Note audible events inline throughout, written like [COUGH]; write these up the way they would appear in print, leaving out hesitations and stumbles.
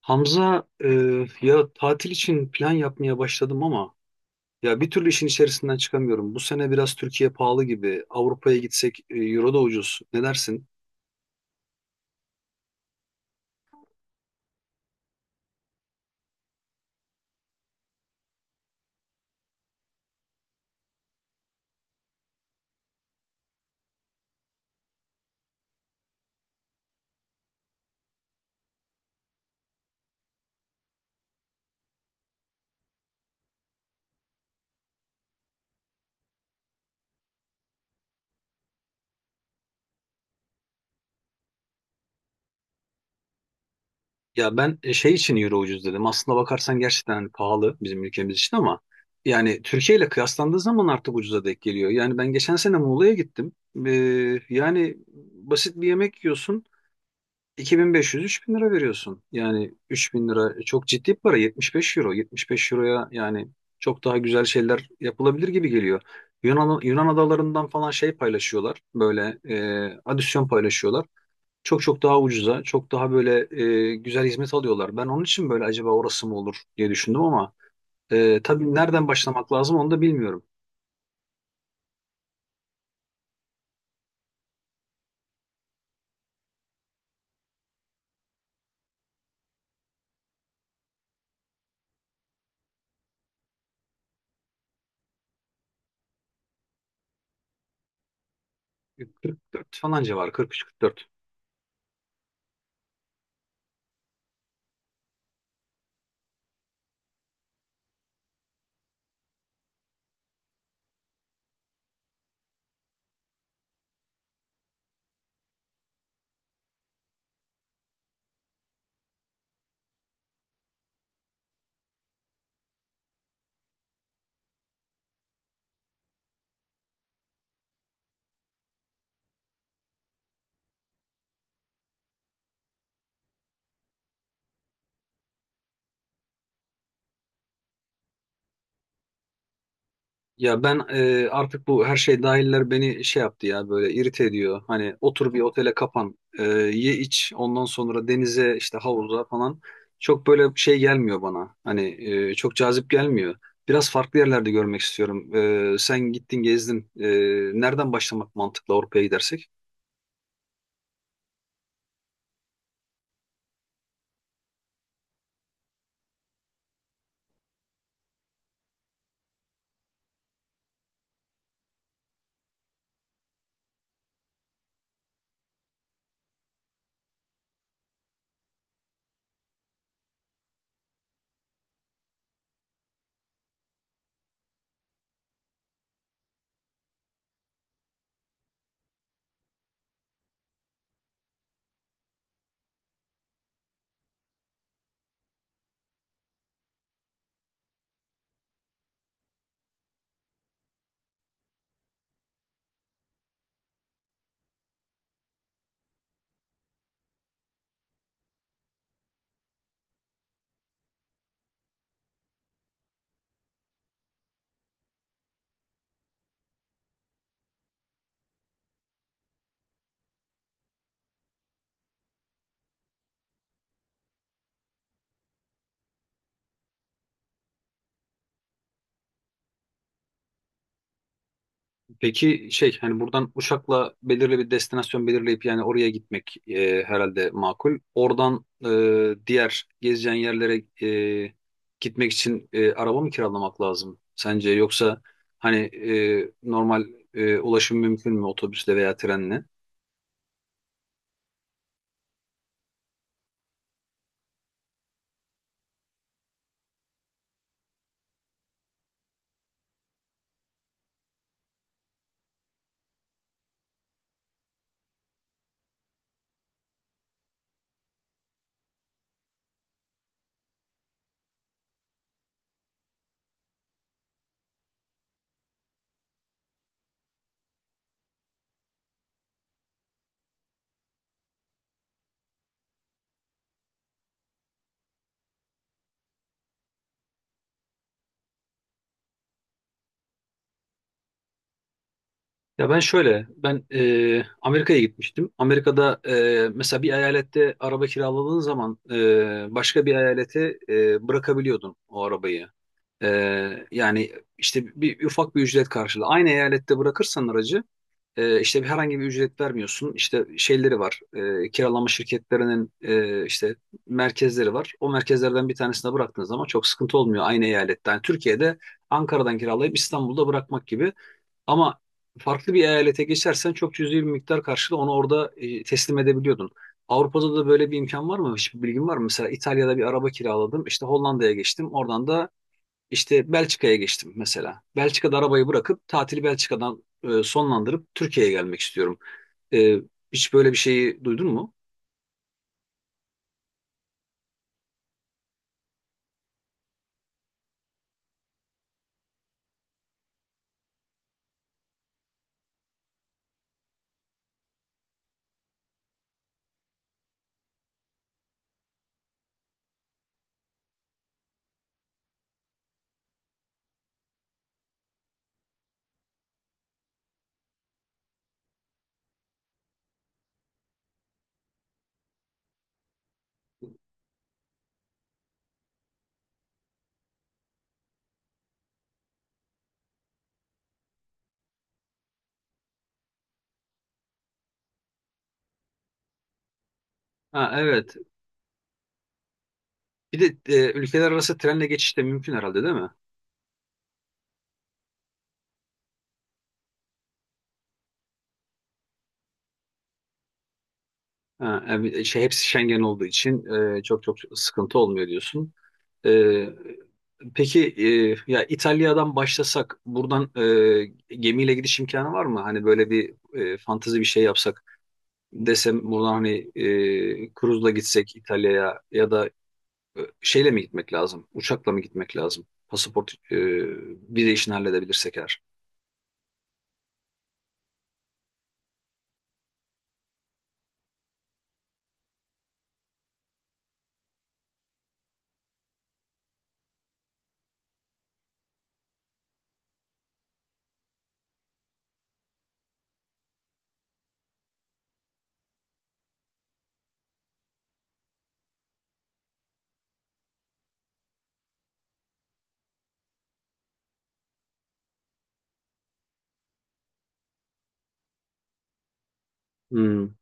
Hamza, ya tatil için plan yapmaya başladım ama ya bir türlü işin içerisinden çıkamıyorum. Bu sene biraz Türkiye pahalı gibi. Avrupa'ya gitsek, euro da ucuz. Ne dersin? Ya ben şey için euro ucuz dedim. Aslında bakarsan gerçekten hani pahalı bizim ülkemiz için ama yani Türkiye ile kıyaslandığı zaman artık ucuza denk geliyor. Yani ben geçen sene Muğla'ya gittim. E, yani basit bir yemek yiyorsun. 2500-3000 lira veriyorsun. Yani 3000 lira çok ciddi bir para. 75 euro. 75 euroya yani çok daha güzel şeyler yapılabilir gibi geliyor. Yunan adalarından falan şey paylaşıyorlar. Böyle adisyon paylaşıyorlar. Çok çok daha ucuza, çok daha böyle güzel hizmet alıyorlar. Ben onun için böyle acaba orası mı olur diye düşündüm ama tabii nereden başlamak lazım onu da bilmiyorum. 44 falan civarı, 43-44. Ya ben artık bu her şey dahiller beni şey yaptı ya böyle irite ediyor. Hani otur bir otele kapan, ye iç, ondan sonra denize işte havuza falan. Çok böyle şey gelmiyor bana. Hani çok cazip gelmiyor. Biraz farklı yerlerde görmek istiyorum. Sen gittin gezdin. Nereden başlamak mantıklı Avrupa'ya gidersek? Peki şey hani buradan uçakla belirli bir destinasyon belirleyip yani oraya gitmek herhalde makul. Oradan diğer gezeceğin yerlere gitmek için araba mı kiralamak lazım sence? Yoksa hani normal ulaşım mümkün mü otobüsle veya trenle? Ya ben şöyle, ben Amerika'ya gitmiştim. Amerika'da mesela bir eyalette araba kiraladığın zaman başka bir eyalete bırakabiliyordun o arabayı. E, yani işte ufak bir ücret karşılığı. Aynı eyalette bırakırsan aracı işte herhangi bir ücret vermiyorsun. İşte şeyleri var, kiralama şirketlerinin işte merkezleri var. O merkezlerden bir tanesine bıraktığın zaman çok sıkıntı olmuyor aynı eyalette. Yani Türkiye'de Ankara'dan kiralayıp İstanbul'da bırakmak gibi. Ama farklı bir eyalete geçersen çok cüzi bir miktar karşılığı onu orada teslim edebiliyordun. Avrupa'da da böyle bir imkan var mı? Hiçbir bilgin var mı? Mesela İtalya'da bir araba kiraladım. İşte Hollanda'ya geçtim. Oradan da işte Belçika'ya geçtim mesela. Belçika'da arabayı bırakıp tatili Belçika'dan sonlandırıp Türkiye'ye gelmek istiyorum. E, hiç böyle bir şeyi duydun mu? Ha, evet. Bir de ülkeler arası trenle geçiş de mümkün herhalde değil mi? Ha, yani şey, hepsi Schengen olduğu için çok çok sıkıntı olmuyor diyorsun. E, Peki ya İtalya'dan başlasak buradan gemiyle gidiş imkanı var mı? Hani böyle bir fantezi bir şey yapsak desem buradan hani kruzla gitsek İtalya'ya ya da şeyle mi gitmek lazım? Uçakla mı gitmek lazım? Pasaport vize işini halledebilirsek eğer. Hmm.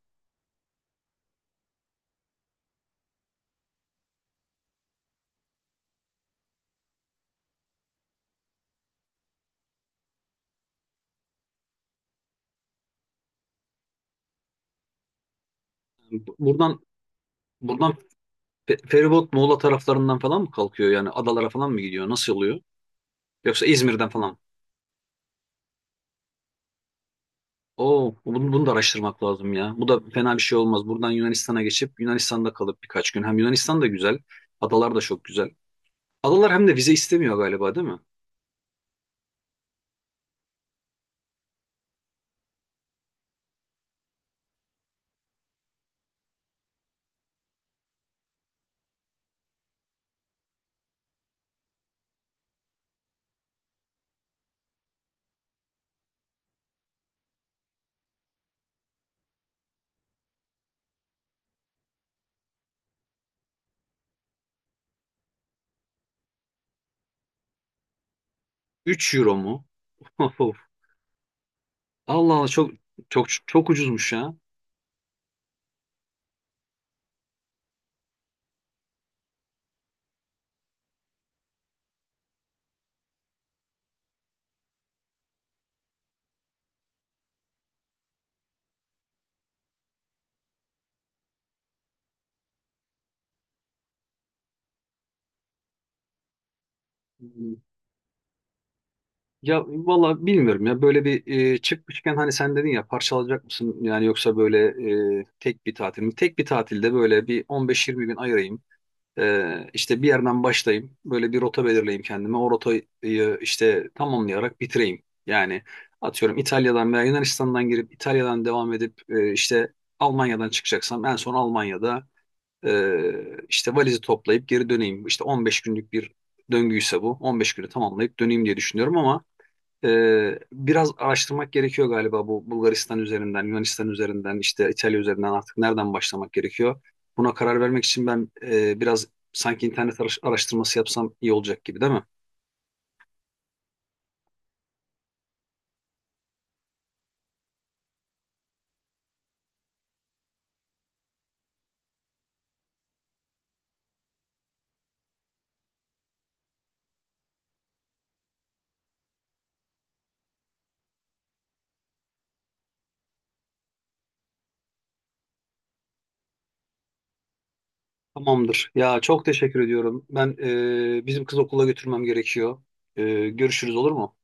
Bu- Buradan buradan feribot Muğla taraflarından falan mı kalkıyor? Yani adalara falan mı gidiyor? Nasıl oluyor? Yoksa İzmir'den falan. Oo, bunu da araştırmak lazım ya. Bu da fena bir şey olmaz. Buradan Yunanistan'a geçip Yunanistan'da kalıp birkaç gün. Hem Yunanistan da güzel. Adalar da çok güzel. Adalar hem de vize istemiyor galiba değil mi? 3 euro mu? [LAUGHS] Of. Allah Allah, çok çok ucuzmuş ya. Ya valla bilmiyorum ya böyle bir çıkmışken hani sen dedin ya parçalayacak mısın yani yoksa böyle tek bir tatil mi? Tek bir tatilde böyle bir 15-20 gün ayırayım. İşte bir yerden başlayayım. Böyle bir rota belirleyeyim kendime. O rotayı işte tamamlayarak bitireyim. Yani atıyorum İtalya'dan veya Yunanistan'dan girip İtalya'dan devam edip işte Almanya'dan çıkacaksam en son Almanya'da e, işte valizi toplayıp geri döneyim. İşte 15 günlük bir döngüyse bu. 15 günü tamamlayıp döneyim diye düşünüyorum ama biraz araştırmak gerekiyor galiba bu Bulgaristan üzerinden, Yunanistan üzerinden, işte İtalya üzerinden artık nereden başlamak gerekiyor? Buna karar vermek için ben biraz sanki internet araştırması yapsam iyi olacak gibi değil mi? Tamamdır. Ya çok teşekkür ediyorum. Ben bizim kız okula götürmem gerekiyor. Görüşürüz olur mu?